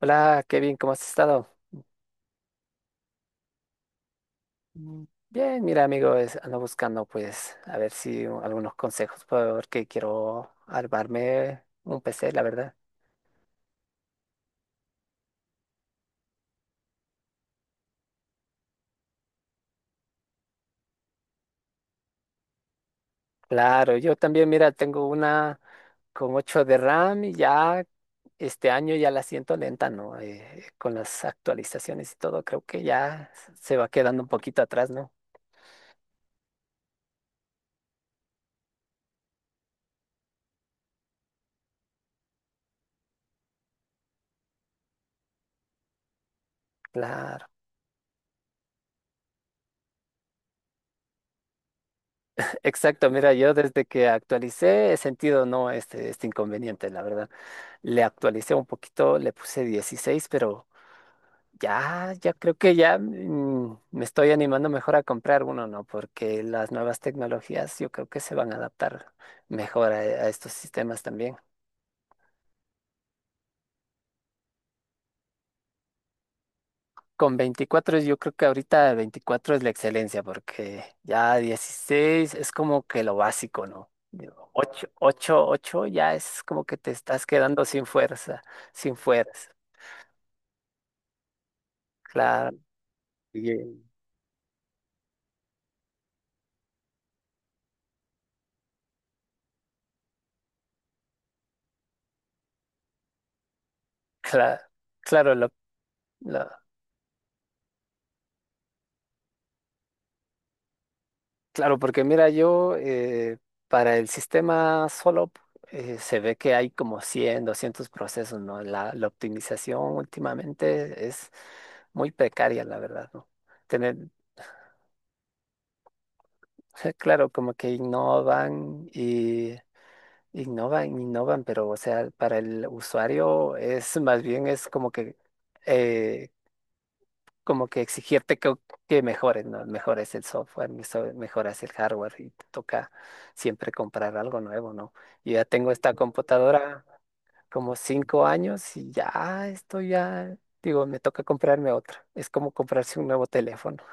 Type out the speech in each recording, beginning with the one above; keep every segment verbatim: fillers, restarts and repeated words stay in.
Hola, Kevin, ¿cómo has estado? Mm, Bien, mira, amigo, es- ando buscando, pues, a ver si u- algunos consejos, porque quiero armarme un P C, la verdad. Claro, yo también, mira, tengo una con ocho de RAM y ya este año ya la siento lenta, ¿no? Eh, con las actualizaciones y todo, creo que ya se va quedando un poquito atrás, ¿no? Claro, exacto, mira, yo desde que actualicé he sentido, no, este, este inconveniente, la verdad. Le actualicé un poquito, le puse dieciséis, pero ya, ya creo que ya mm, me estoy animando mejor a comprar uno, ¿no? Porque las nuevas tecnologías yo creo que se van a adaptar mejor a, a estos sistemas también. Con veinticuatro yo creo que ahorita veinticuatro es la excelencia, porque ya dieciséis es como que lo básico, ¿no? ocho ocho ocho ya es como que te estás quedando sin fuerza, sin fuerza. Claro. Oye, claro, claro, lo... lo- claro, porque mira, yo eh, para el sistema solo eh, se ve que hay como cien, doscientos procesos, ¿no? La, la optimización últimamente es muy precaria, la verdad, ¿no? Tener, claro, como que innovan y innovan, innovan, pero o sea, para el usuario es más bien es como que eh, como que exigirte que, que mejores, ¿no? Mejores el software, meso- mejoras el hardware y te toca siempre comprar algo nuevo, ¿no? Yo ya tengo esta computadora como cinco años y ya estoy ya, digo, me toca comprarme otra. Es como comprarse un nuevo teléfono.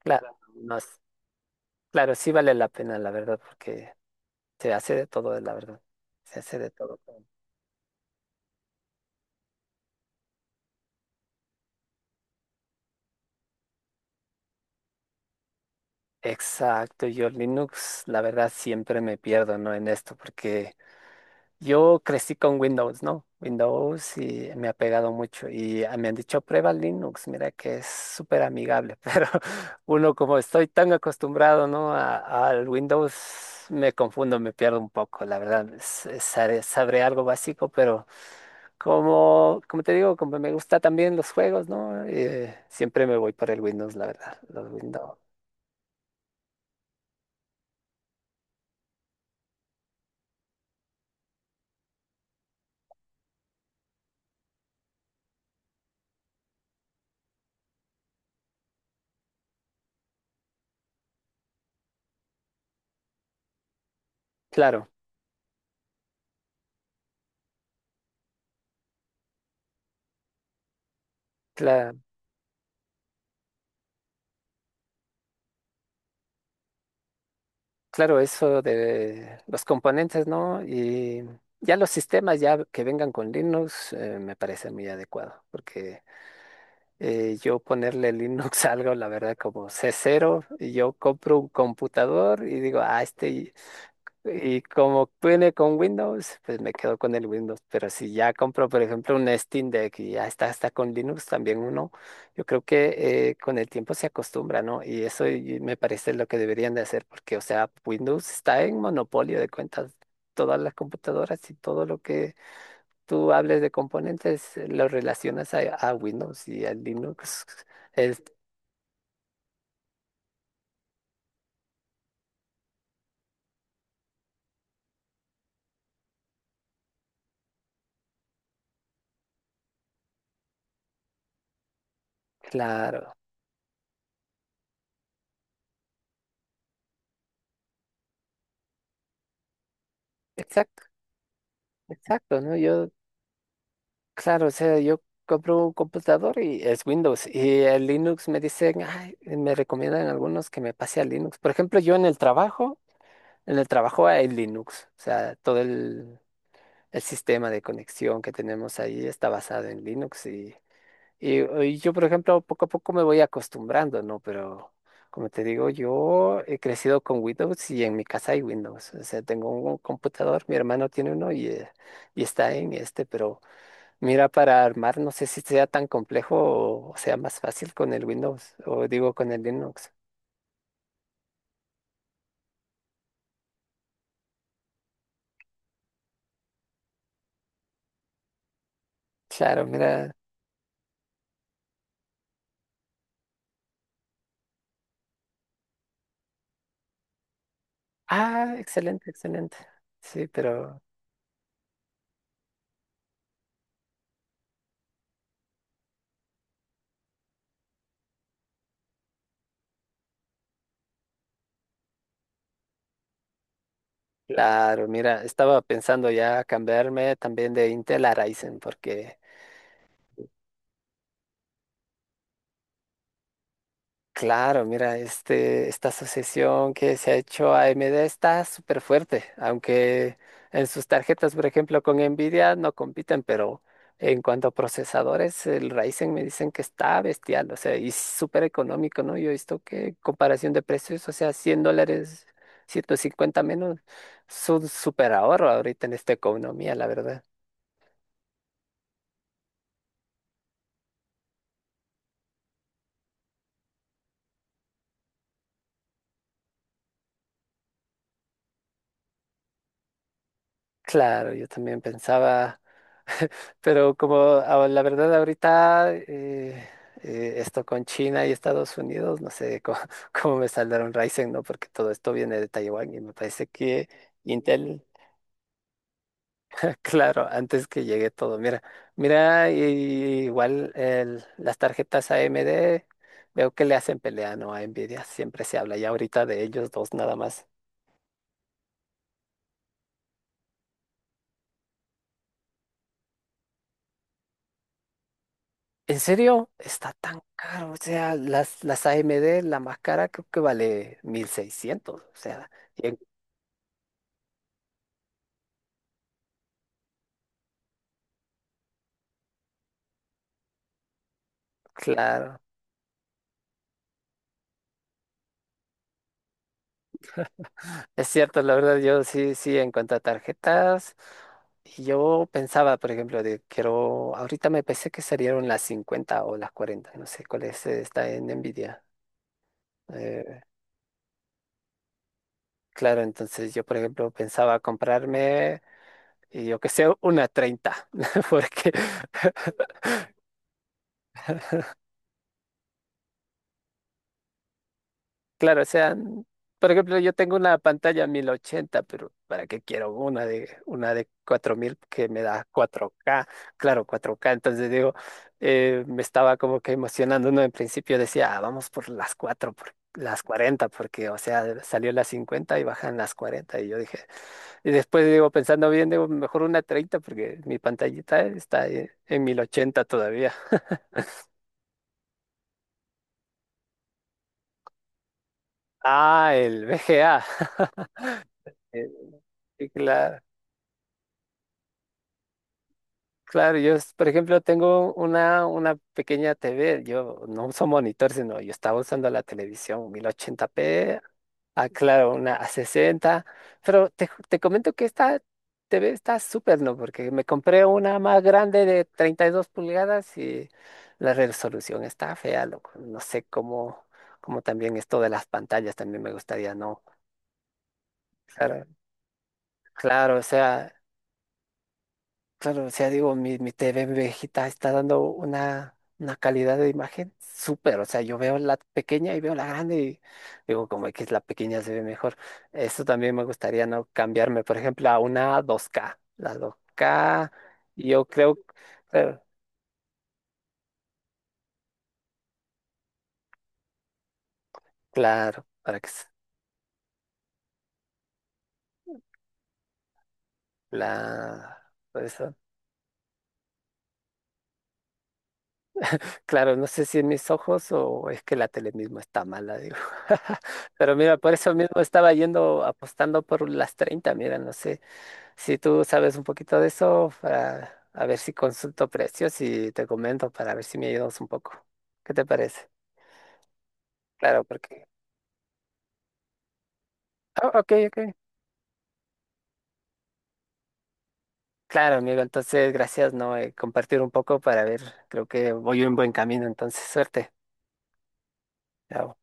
Claro, no es- claro, sí vale la pena, la verdad, porque se hace de todo, la verdad. Se hace de todo. Exacto, yo Linux, la verdad, siempre me pierdo, ¿no? En esto, porque yo crecí con Windows, ¿no? Windows, y me ha pegado mucho. Y ah, me han dicho, prueba Linux, mira que es súper amigable, pero uno como estoy tan acostumbrado, ¿no? a- Al Windows me confundo, me pierdo un poco, la verdad. Es- es- sabré, sabré algo básico, pero como, como te digo, como me gusta también los juegos, ¿no? Eh, siempre me voy por el Windows, la verdad. Los Windows. Claro, claro. Claro, eso de los componentes, ¿no? Y ya los sistemas ya que vengan con Linux eh, me parece muy adecuado, porque eh, yo ponerle Linux a algo, la verdad, como C cero, y yo compro un computador y digo, ah, este, y como viene con Windows, pues me quedo con el Windows. Pero si ya compro, por ejemplo, un Steam Deck y ya está, está con Linux también uno, yo creo que eh, con el tiempo se acostumbra, ¿no? Y eso, y me parece lo que deberían de hacer, porque, o sea, Windows está en monopolio de cuentas. Todas las computadoras y todo lo que tú hables de componentes eh, lo relacionas a, a Windows y a Linux. Es claro. Exacto, exacto, ¿no? Yo claro, o sea, yo compro un computador y es Windows, y el Linux me dicen, "Ay", me recomiendan algunos que me pase a Linux. Por ejemplo, yo en el trabajo, en el trabajo hay Linux, o sea, todo el, el sistema de conexión que tenemos ahí está basado en Linux, y, y, y yo, por ejemplo, poco a poco me voy acostumbrando, ¿no? Pero como te digo, yo he crecido con Windows y en mi casa hay Windows, o sea, tengo un computador, mi hermano tiene uno, y, eh, y está en este, pero... Mira, para armar, no sé si sea tan complejo o sea más fácil con el Windows, o digo con el Linux. Claro, mira. Ah, excelente, excelente. Sí, pero claro, mira, estaba pensando ya cambiarme también de Intel a Ryzen, porque claro, mira, este, esta asociación que se ha hecho a AMD está súper fuerte, aunque en sus tarjetas, por ejemplo, con Nvidia no compiten, pero en cuanto a procesadores, el Ryzen me dicen que está bestial, o sea, y súper económico, ¿no? Yo he visto que en comparación de precios, o sea, cien dólares, ciento cincuenta menos, es un súper ahorro ahorita en esta economía, la verdad. Claro, yo también pensaba... Pero como a- la verdad ahorita eh, eh, esto con China y Estados Unidos, no sé cómo, cómo me saldrá un Ryzen, ¿no? Porque todo esto viene de Taiwán y me parece que Intel, claro, antes que llegue todo, mira, mira, y igual el- las tarjetas A M D, veo que le hacen pelea, ¿no? A Nvidia, siempre se habla ya ahorita de ellos dos nada más. ¿En serio? Está tan caro. O sea, las, las A M D, la más cara, creo que vale mil seiscientos. O sea, y en- claro. Es cierto, la verdad, yo sí, sí, en cuanto a tarjetas, yo pensaba, por ejemplo, de quiero. Ahorita me pensé que salieron las cincuenta o las cuarenta. No sé cuál es, eh, está en Nvidia. Eh, claro, entonces yo, por ejemplo, pensaba comprarme, y yo que sé, una treinta porque. Claro, o sea, por ejemplo, yo tengo una pantalla mil ochenta, pero ¿para qué quiero una de una de cuatro mil que me da cuatro k? Claro, cuatro k. Entonces digo, eh, me estaba como que emocionando, ¿no? En principio decía, "Ah, vamos por las cuatro, por las cuarenta, porque, o sea, salió las cincuenta y bajan las cuarenta". Y yo dije, y después digo, pensando bien, digo, mejor una treinta, porque mi pantallita está en en mil ochenta todavía. Ah, el V G A. Eh, sí, claro. Claro, yo, es- por ejemplo, tengo una, una pequeña T V, yo no uso monitor, sino yo estaba usando la televisión mil ochenta p, ah, claro, una a sesenta, pero te, ju- te comento que esta T V está súper, ¿no? Porque me compré una más grande de treinta y dos pulgadas y la resolución está fea, loco. No sé cómo, cómo también esto de las pantallas también me gustaría, ¿no? Claro, claro, o sea, claro, o sea, digo, mi, mi T V viejita está dando una, una calidad de imagen súper. O sea, yo veo la pequeña y veo la grande y digo, como que es la pequeña se ve mejor. Eso también me gustaría, no cambiarme, por ejemplo, a una dos K. La dos K, yo creo, claro, claro, para que s- la, por eso, claro, no sé si en mis ojos o es que la tele mismo está mala, digo. Pero mira, por eso mismo estaba yendo apostando por las treinta, mira, no sé. Si tú sabes un poquito de eso, para a ver si consulto precios y te comento para ver si me ayudas un poco. ¿Qué te parece? Claro, porque... Ah, ok, ok. Claro, amigo, entonces gracias, ¿no? Eh, compartir un poco para ver, creo que voy en buen camino, entonces suerte. Chao.